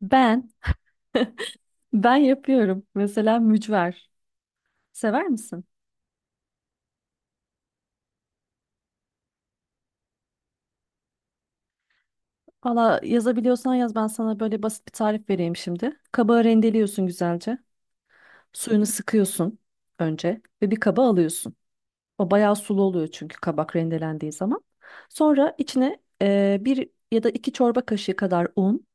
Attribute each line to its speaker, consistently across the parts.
Speaker 1: Ben, ben yapıyorum. Mesela mücver. Sever misin? Valla yazabiliyorsan yaz ben sana böyle basit bir tarif vereyim şimdi. Kabağı rendeliyorsun güzelce. Suyunu sıkıyorsun önce ve bir kaba alıyorsun. O bayağı sulu oluyor çünkü kabak rendelendiği zaman. Sonra içine bir ya da iki çorba kaşığı kadar un.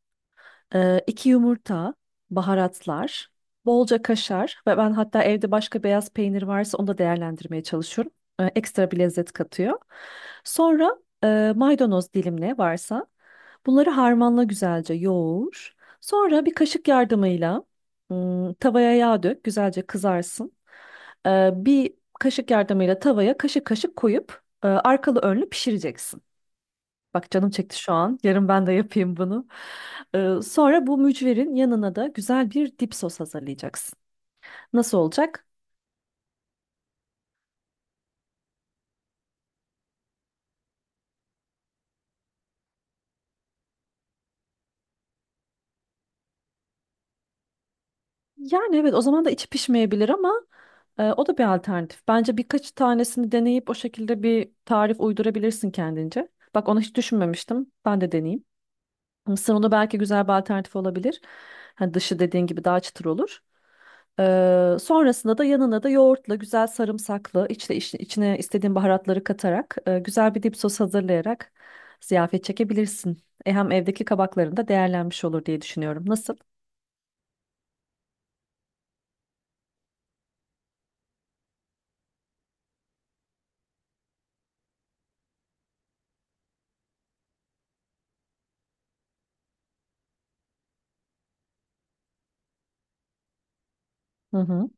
Speaker 1: İki yumurta, baharatlar, bolca kaşar ve ben hatta evde başka beyaz peynir varsa onu da değerlendirmeye çalışıyorum. Ekstra bir lezzet katıyor. Sonra maydanoz dilimle varsa bunları harmanla güzelce yoğur. Sonra bir kaşık yardımıyla tavaya yağ dök, güzelce kızarsın. Bir kaşık yardımıyla tavaya kaşık kaşık koyup arkalı önlü pişireceksin. Bak canım çekti şu an. Yarın ben de yapayım bunu. Sonra bu mücverin yanına da güzel bir dip sos hazırlayacaksın. Nasıl olacak? Yani evet o zaman da içi pişmeyebilir ama o da bir alternatif. Bence birkaç tanesini deneyip o şekilde bir tarif uydurabilirsin kendince. Bak onu hiç düşünmemiştim. Ben de deneyeyim. Mısır unu belki güzel bir alternatif olabilir. Hani dışı dediğin gibi daha çıtır olur. Sonrasında da yanına da yoğurtla güzel sarımsaklı içine istediğin baharatları katarak güzel bir dip sos hazırlayarak ziyafet çekebilirsin. Hem evdeki kabakların da değerlenmiş olur diye düşünüyorum. Nasıl? Hı hı.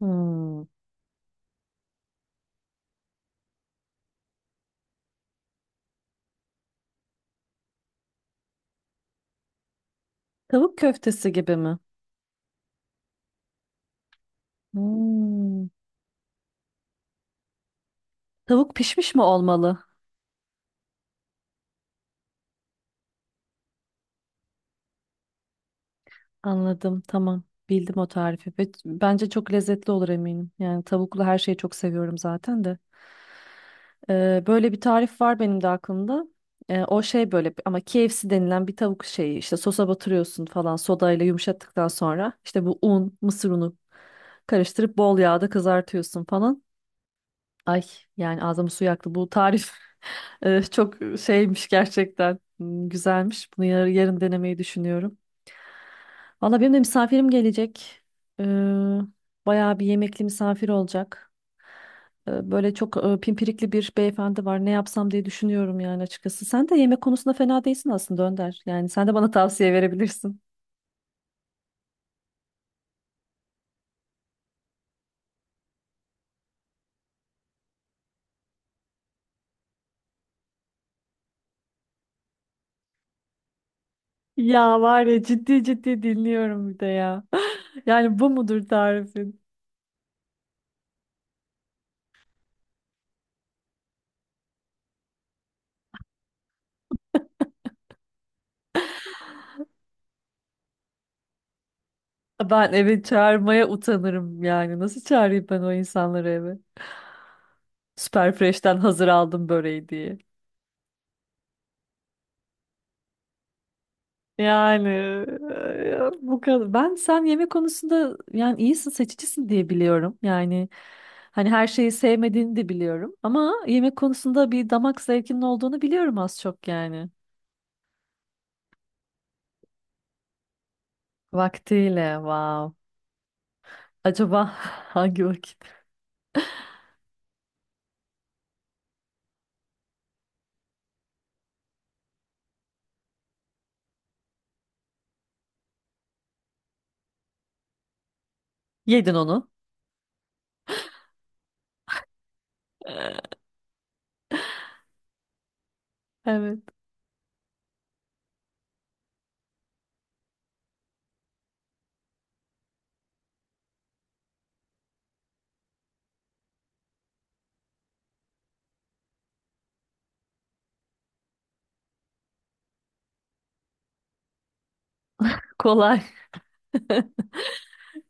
Speaker 1: Hmm. Tavuk köftesi gibi mi? Hmm. Tavuk pişmiş mi olmalı? Anladım, tamam. Bildim o tarifi. Ve bence çok lezzetli olur eminim. Yani tavuklu her şeyi çok seviyorum zaten de. Böyle bir tarif var benim de aklımda. O şey böyle ama KFC denilen bir tavuk şeyi işte sosa batırıyorsun falan sodayla yumuşattıktan sonra işte bu un, mısır unu karıştırıp bol yağda kızartıyorsun falan. Ay yani ağzımı su yaktı. Bu tarif çok şeymiş gerçekten. Hmm, güzelmiş. Bunu yarın denemeyi düşünüyorum. Valla benim de misafirim gelecek. Ee, bayağı bir yemekli misafir olacak. Böyle çok pimpirikli bir beyefendi var. Ne yapsam diye düşünüyorum yani açıkçası. Sen de yemek konusunda fena değilsin aslında Önder. Yani sen de bana tavsiye verebilirsin. Ya var ya ciddi ciddi dinliyorum bir de ya. Yani bu mudur tarifin? Ben eve çağırmaya utanırım yani. Nasıl çağırayım ben o insanları eve? Süperfresh'ten hazır aldım böreği diye. Yani bu kadar. Ben sen yemek konusunda yani iyisin, seçicisin diye biliyorum. Yani hani her şeyi sevmediğini de biliyorum. Ama yemek konusunda bir damak zevkinin olduğunu biliyorum az çok yani. Vaktiyle, wow. Acaba hangi vakit? Yedin onu. Evet. Kolay.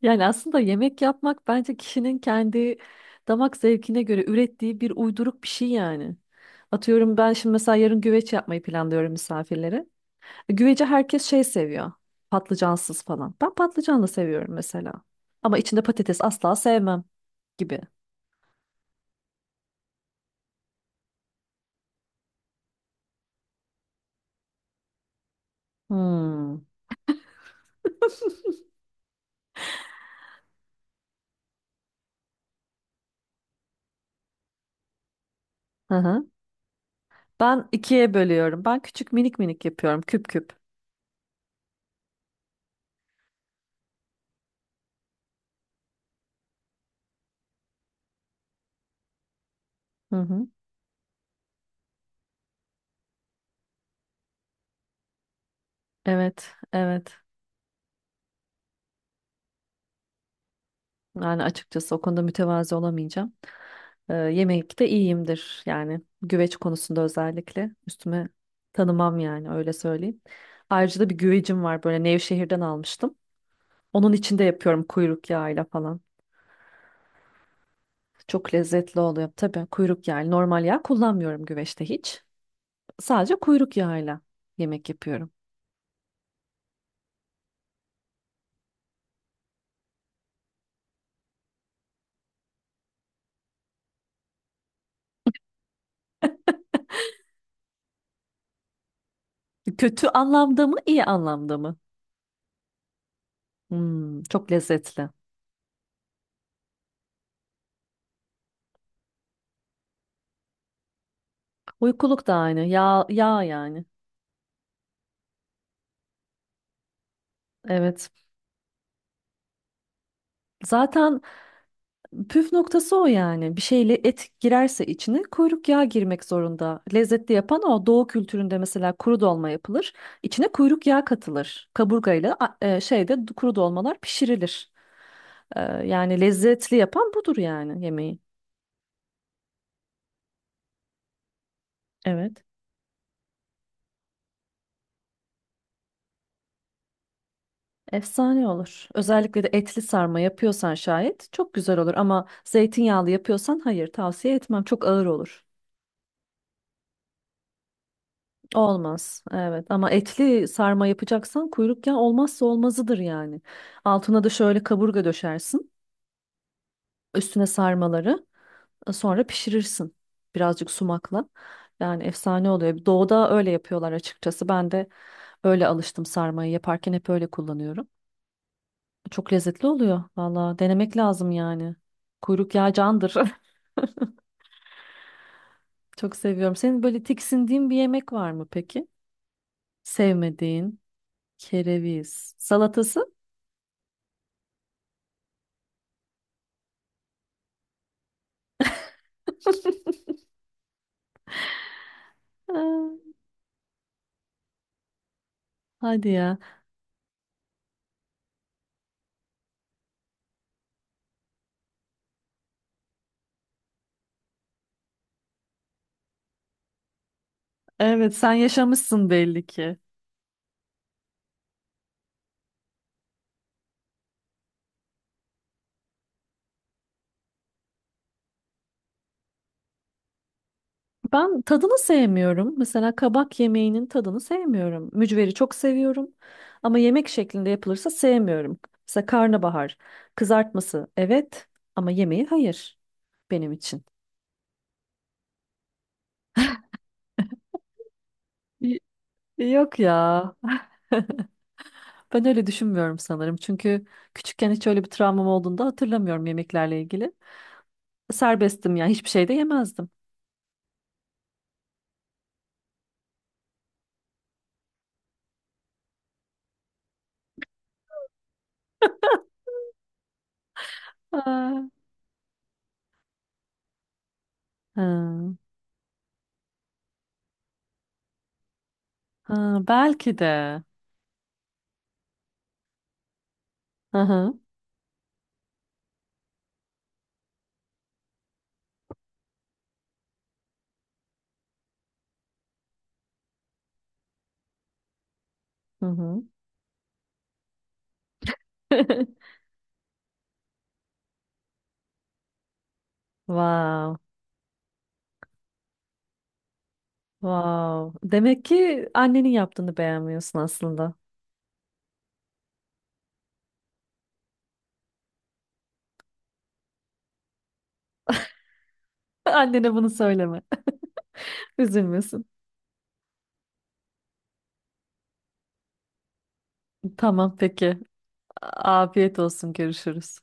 Speaker 1: Yani aslında yemek yapmak bence kişinin kendi damak zevkine göre ürettiği bir uyduruk bir şey yani. Atıyorum ben şimdi mesela yarın güveç yapmayı planlıyorum misafirlere. Güveci herkes şey seviyor. Patlıcansız falan. Ben patlıcanlı seviyorum mesela. Ama içinde patates asla sevmem gibi. Hmm. Hı hı. Ben ikiye bölüyorum. Ben küçük minik minik yapıyorum. Küp küp. Hı hı. Evet, evet. Yani açıkçası o konuda mütevazi olamayacağım. Yemekte iyiyimdir yani güveç konusunda özellikle üstüme tanımam yani öyle söyleyeyim. Ayrıca da bir güvecim var böyle Nevşehir'den almıştım. Onun içinde yapıyorum kuyruk yağıyla falan. Çok lezzetli oluyor tabii kuyruk yağı. Yani normal yağ kullanmıyorum güveçte hiç. Sadece kuyruk yağıyla yemek yapıyorum. Kötü anlamda mı iyi anlamda mı? Hmm, çok lezzetli. Uykuluk da aynı yağ yani. Evet. Zaten püf noktası o yani. Bir şeyle et girerse içine kuyruk yağı girmek zorunda. Lezzetli yapan o. Doğu kültüründe mesela kuru dolma yapılır. İçine kuyruk yağı katılır. Kaburgayla şeyde kuru dolmalar pişirilir. E, yani lezzetli yapan budur yani yemeği. Evet. Efsane olur. Özellikle de etli sarma yapıyorsan şayet çok güzel olur ama zeytinyağlı yapıyorsan hayır tavsiye etmem. Çok ağır olur. Olmaz. Evet ama etli sarma yapacaksan kuyruk yağı olmazsa olmazıdır yani. Altına da şöyle kaburga döşersin. Üstüne sarmaları sonra pişirirsin birazcık sumakla. Yani efsane oluyor. Doğuda öyle yapıyorlar açıkçası. Ben de öyle alıştım sarmayı yaparken hep öyle kullanıyorum. Çok lezzetli oluyor. Valla denemek lazım yani. Kuyruk yağı candır. Çok seviyorum. Senin böyle tiksindiğin bir yemek var mı peki? Sevmediğin kereviz salatası? Hadi ya. Evet, sen yaşamışsın belli ki. Ben tadını sevmiyorum. Mesela kabak yemeğinin tadını sevmiyorum. Mücveri çok seviyorum. Ama yemek şeklinde yapılırsa sevmiyorum. Mesela karnabahar, kızartması evet ama yemeği hayır benim için. Y- Yok ya. Ben öyle düşünmüyorum sanırım. Çünkü küçükken hiç öyle bir travmam olduğunu da hatırlamıyorum yemeklerle ilgili. Serbesttim yani hiçbir şey de yemezdim. Ha. Ha. Ha, belki de. Hı hı. Hı hı. Wow. Wow. Demek ki annenin yaptığını beğenmiyorsun aslında. Annene bunu söyleme. Üzülmesin. Tamam peki. Afiyet olsun. Görüşürüz.